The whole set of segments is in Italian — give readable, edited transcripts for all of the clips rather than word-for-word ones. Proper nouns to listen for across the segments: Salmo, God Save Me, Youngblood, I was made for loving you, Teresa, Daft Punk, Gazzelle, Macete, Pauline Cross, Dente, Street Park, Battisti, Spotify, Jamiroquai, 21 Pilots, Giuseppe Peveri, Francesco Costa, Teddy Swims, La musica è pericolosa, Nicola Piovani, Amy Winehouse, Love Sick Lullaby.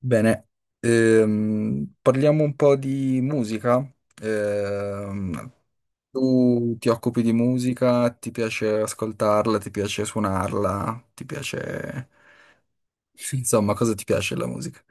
Bene, parliamo un po' di musica. Ehm, tu ti occupi di musica, ti piace ascoltarla, ti piace suonarla, ti piace... Sì. Insomma, cosa ti piace della musica?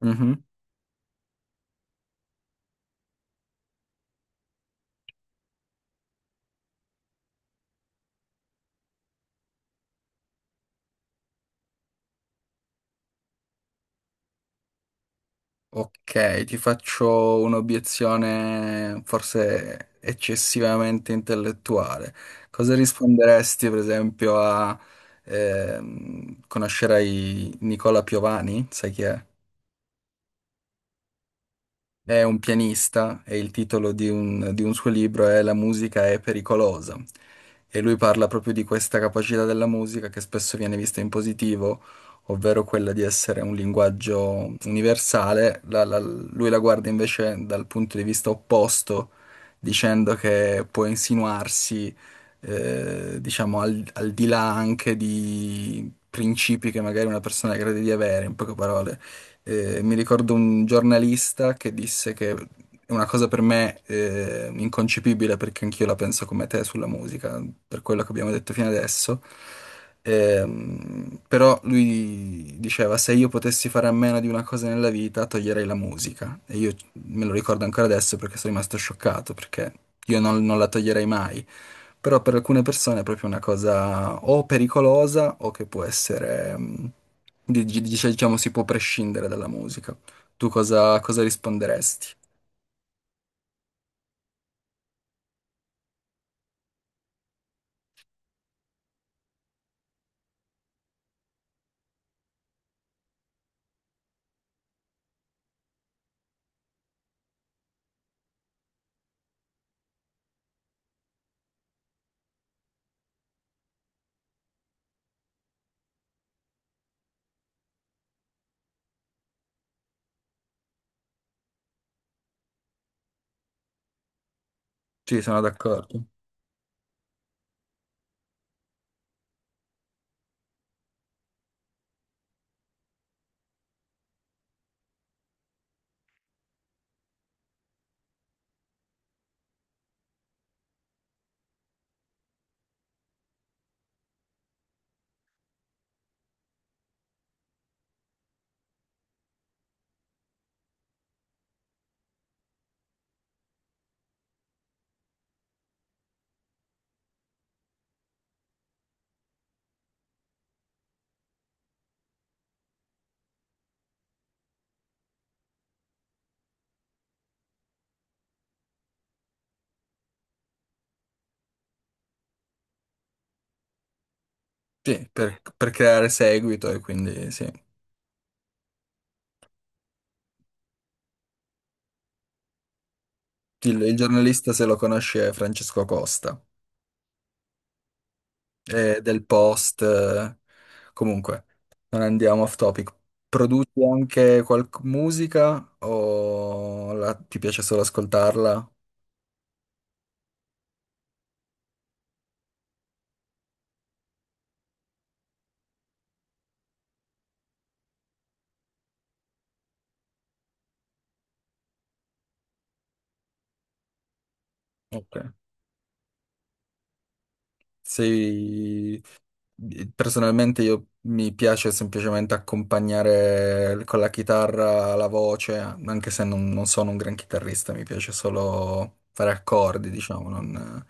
Mhm. Ok, ti faccio un'obiezione forse eccessivamente intellettuale. Cosa risponderesti, per esempio, a... conoscerai Nicola Piovani? Sai chi è? È un pianista e il titolo di un, suo libro è La musica è pericolosa. E lui parla proprio di questa capacità della musica che spesso viene vista in positivo, ovvero quella di essere un linguaggio universale. Lui la guarda invece dal punto di vista opposto, dicendo che può insinuarsi, diciamo, al di là anche di principi che magari una persona crede di avere, in poche parole. Mi ricordo un giornalista che disse che è una cosa per me inconcepibile, perché anch'io la penso come te sulla musica, per quello che abbiamo detto fino adesso. Però lui diceva: "Se io potessi fare a meno di una cosa nella vita, toglierei la musica". E io me lo ricordo ancora adesso perché sono rimasto scioccato, perché io non la toglierei mai. Però per alcune persone è proprio una cosa o pericolosa o che può essere, diciamo, si può prescindere dalla musica. Tu cosa risponderesti? Sì, sono d'accordo. Sì, per creare seguito, e quindi sì. Il giornalista, se lo conosci, è Francesco Costa. Del Post. Comunque, non andiamo off topic. Produci anche qualche musica o ti piace solo ascoltarla? Ok. Sei... Personalmente io mi piace semplicemente accompagnare con la chitarra la voce, anche se non sono un gran chitarrista, mi piace solo fare accordi, diciamo, non,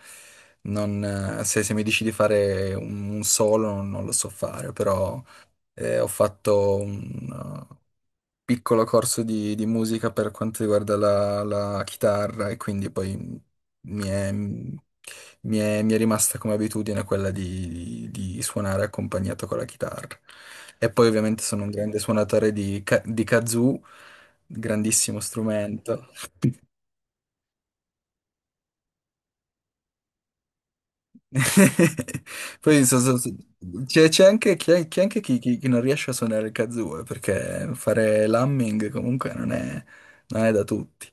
se mi dici di fare un, solo non lo so fare, però ho fatto un uh, piccolo corso di, musica per quanto riguarda la chitarra, e quindi poi mi è, mi è rimasta come abitudine quella di suonare accompagnato con la chitarra. E poi ovviamente sono un grande suonatore di kazoo, grandissimo strumento. Poi so- so- so- C'è anche, chi c'è anche chi, chi- chi non riesce a suonare il kazoo, perché fare l'humming comunque non è da tutti.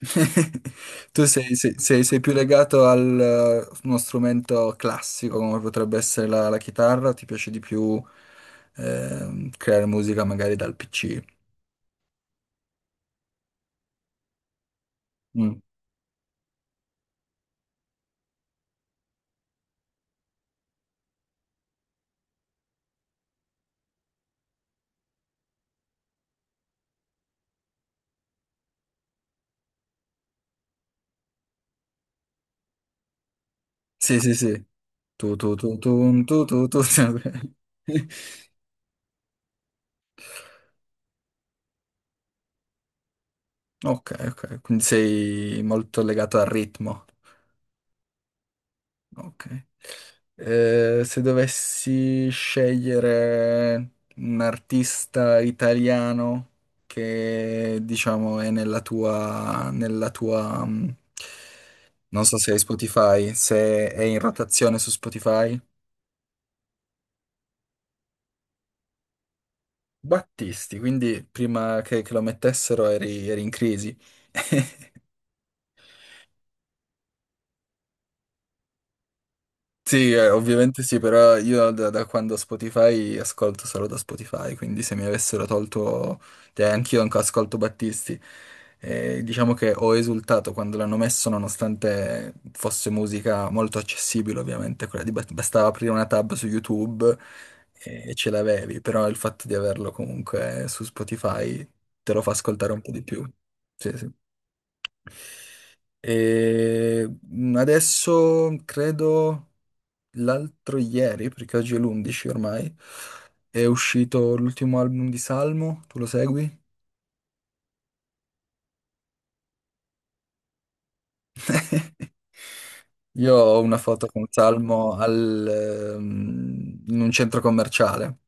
Tu sei più legato al uno strumento classico come potrebbe essere la chitarra, o ti piace di più creare musica magari dal PC? Mm. Sì, sì, sì. Tu, tu, tu, tu, tu, tu, tu. Ok, ok, quindi sei molto legato al ritmo. Ok. Se dovessi scegliere un artista italiano che diciamo è nella tua, non so se hai Spotify, se è in rotazione su Spotify. Battisti, quindi prima che lo mettessero eri in crisi. Sì, ovviamente sì, però io da quando Spotify ascolto solo da Spotify, quindi se mi avessero tolto, cioè anch'io anche ascolto Battisti. Diciamo che ho esultato quando l'hanno messo, nonostante fosse musica molto accessibile, ovviamente, quella di bastava aprire una tab su YouTube e ce l'avevi, però il fatto di averlo comunque su Spotify te lo fa ascoltare un po' di più. Sì, sì. E adesso credo l'altro ieri, perché oggi è l'11 ormai, è uscito l'ultimo album di Salmo, tu lo segui? Io ho una foto con Salmo al, in un centro commerciale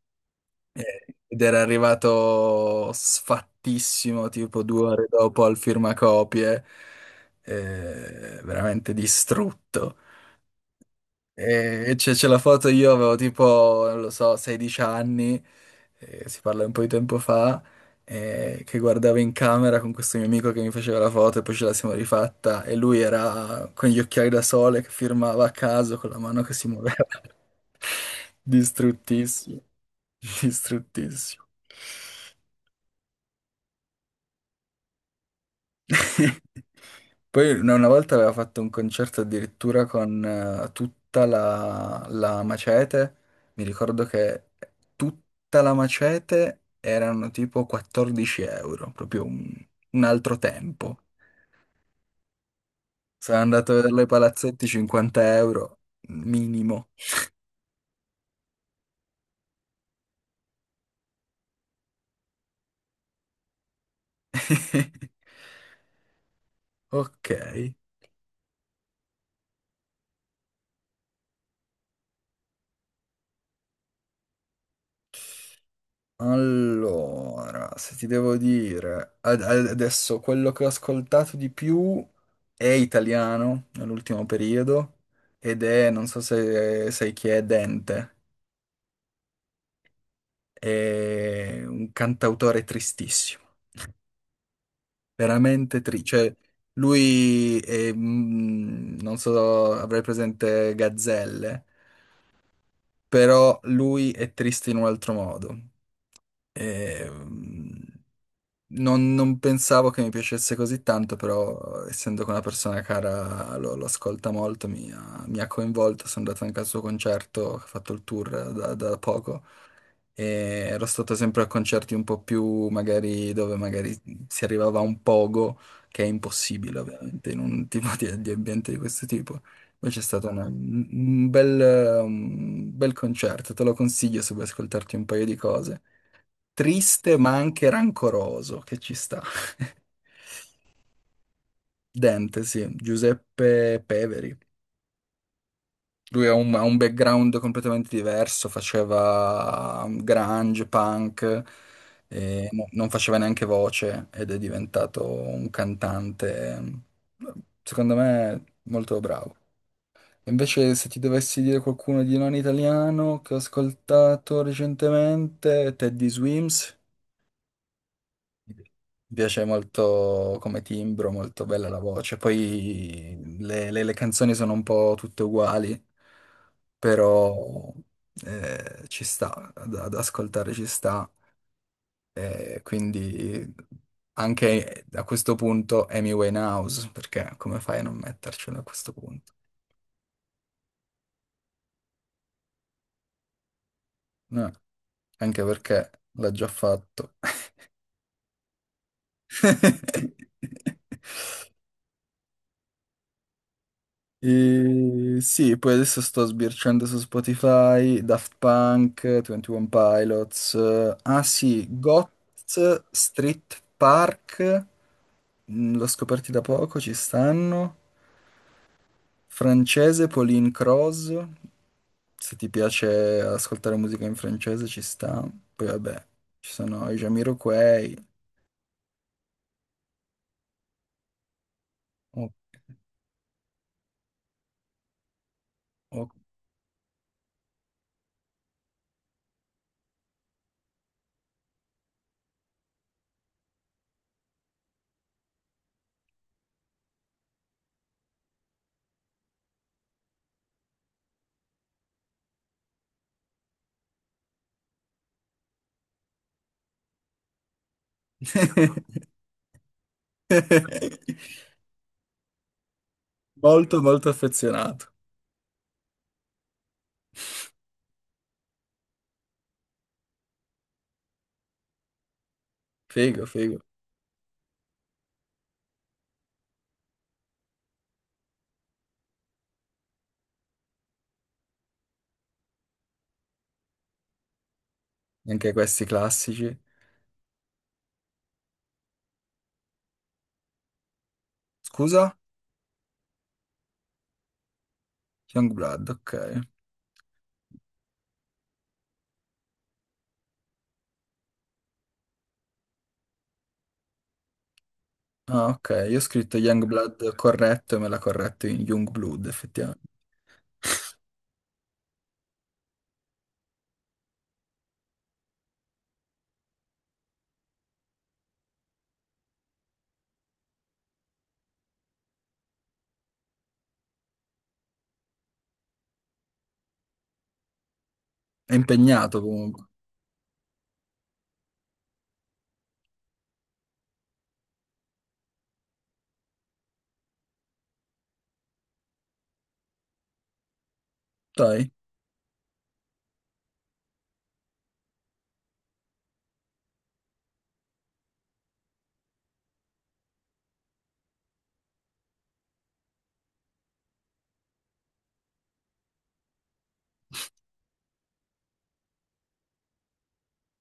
ed era arrivato sfattissimo, tipo due ore dopo al firmacopie, veramente distrutto. E c'è la foto, io avevo tipo, non lo so, 16 anni, si parla un po' di tempo fa, che guardavo in camera con questo mio amico che mi faceva la foto, e poi ce la siamo rifatta e lui era con gli occhiali da sole che firmava a caso con la mano che si muoveva. Distruttissimo, distruttissimo. Poi una volta aveva fatto un concerto addirittura con tutta la Macete, mi ricordo che tutta la Macete erano tipo 14 euro, proprio un, altro tempo. Sono andato a vedere i palazzetti 50 euro minimo. Ok. Allora, se ti devo dire, adesso quello che ho ascoltato di più è italiano nell'ultimo periodo, ed è, non so se sai chi è, Dente, è un cantautore tristissimo, veramente triste, cioè lui è, non so, avrai presente Gazzelle, però lui è triste in un altro modo. Ehm, Non, non pensavo che mi piacesse così tanto, però essendo che una persona cara lo ascolta molto, mi ha, coinvolto, sono andato anche al suo concerto, che ha fatto il tour da poco, e ero stato sempre a concerti un po' più magari dove magari si arrivava a un pogo, che è impossibile ovviamente in un tipo di ambiente di questo tipo. Invece è stato un bel concerto, te lo consiglio se vuoi ascoltarti un paio di cose triste ma anche rancoroso, che ci sta. Dente, sì, Giuseppe Peveri. Lui ha un background completamente diverso, faceva grunge, punk, e non faceva neanche voce, ed è diventato un cantante, secondo me, molto bravo. Invece, se ti dovessi dire qualcuno di non italiano che ho ascoltato recentemente, Teddy Swims. Mi piace molto come timbro, molto bella la voce. Poi le, le canzoni sono un po' tutte uguali, però ci sta, ad ascoltare ci sta. E quindi anche a questo punto Amy Winehouse, perché come fai a non mettercelo a questo punto? No, anche perché l'ha già fatto. E sì, poi adesso sto sbirciando su Spotify, Daft Punk, 21 Pilots, ah sì, Goth, Street Park, mm, l'ho scoperti da poco, ci stanno, francese, Pauline Cross, se ti piace ascoltare musica in francese ci sta, poi vabbè, ci sono i Jamiroquai. Oh, oh. molto molto affezionato, figo, figo, anche questi classici. Scusa? Youngblood, ok. Ah, ok, io ho scritto Youngblood corretto e me l'ha corretto in Youngblood, effettivamente. È impegnato comunque. Dai.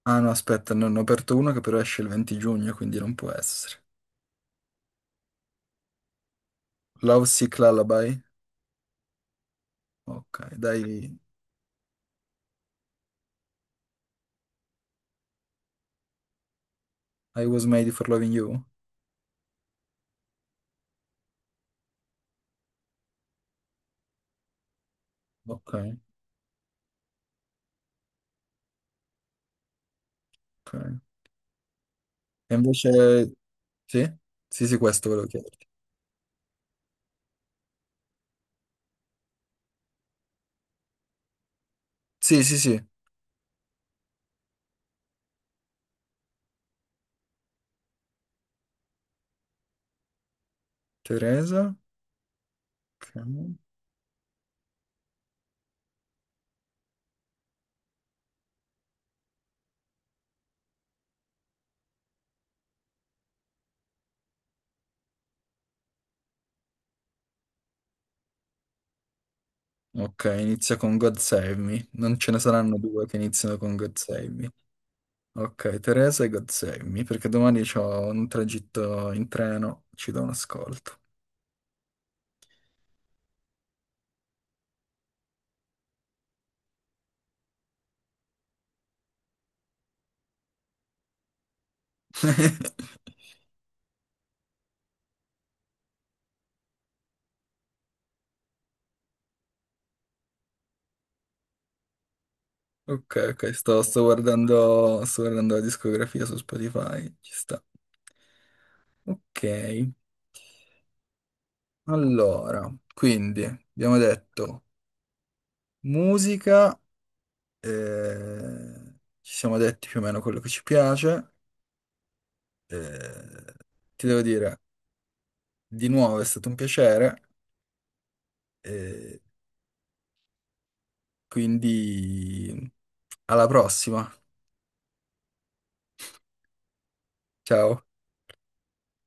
Ah no, aspetta, ne ho aperto uno che però esce il 20 giugno, quindi non può essere. Love Sick Lullaby? Ok, dai. I was made for loving you? Ok, ok. E invece... Sì? Sì, sì, questo volevo chiedere. Sì, sì, sì. Teresa? Ok. Ok, inizia con God Save Me. Non ce ne saranno due che iniziano con God Save Me. Ok, Teresa e God Save Me, perché domani ho un tragitto in treno, ci do un ascolto. Ok, ok, sto, sto guardando la discografia su Spotify, ci sta. Ok, allora, quindi abbiamo detto musica, eh, ci siamo detti più o meno quello che ci piace, eh, ti devo dire, di nuovo è stato un piacere, eh, quindi alla prossima. Ciao.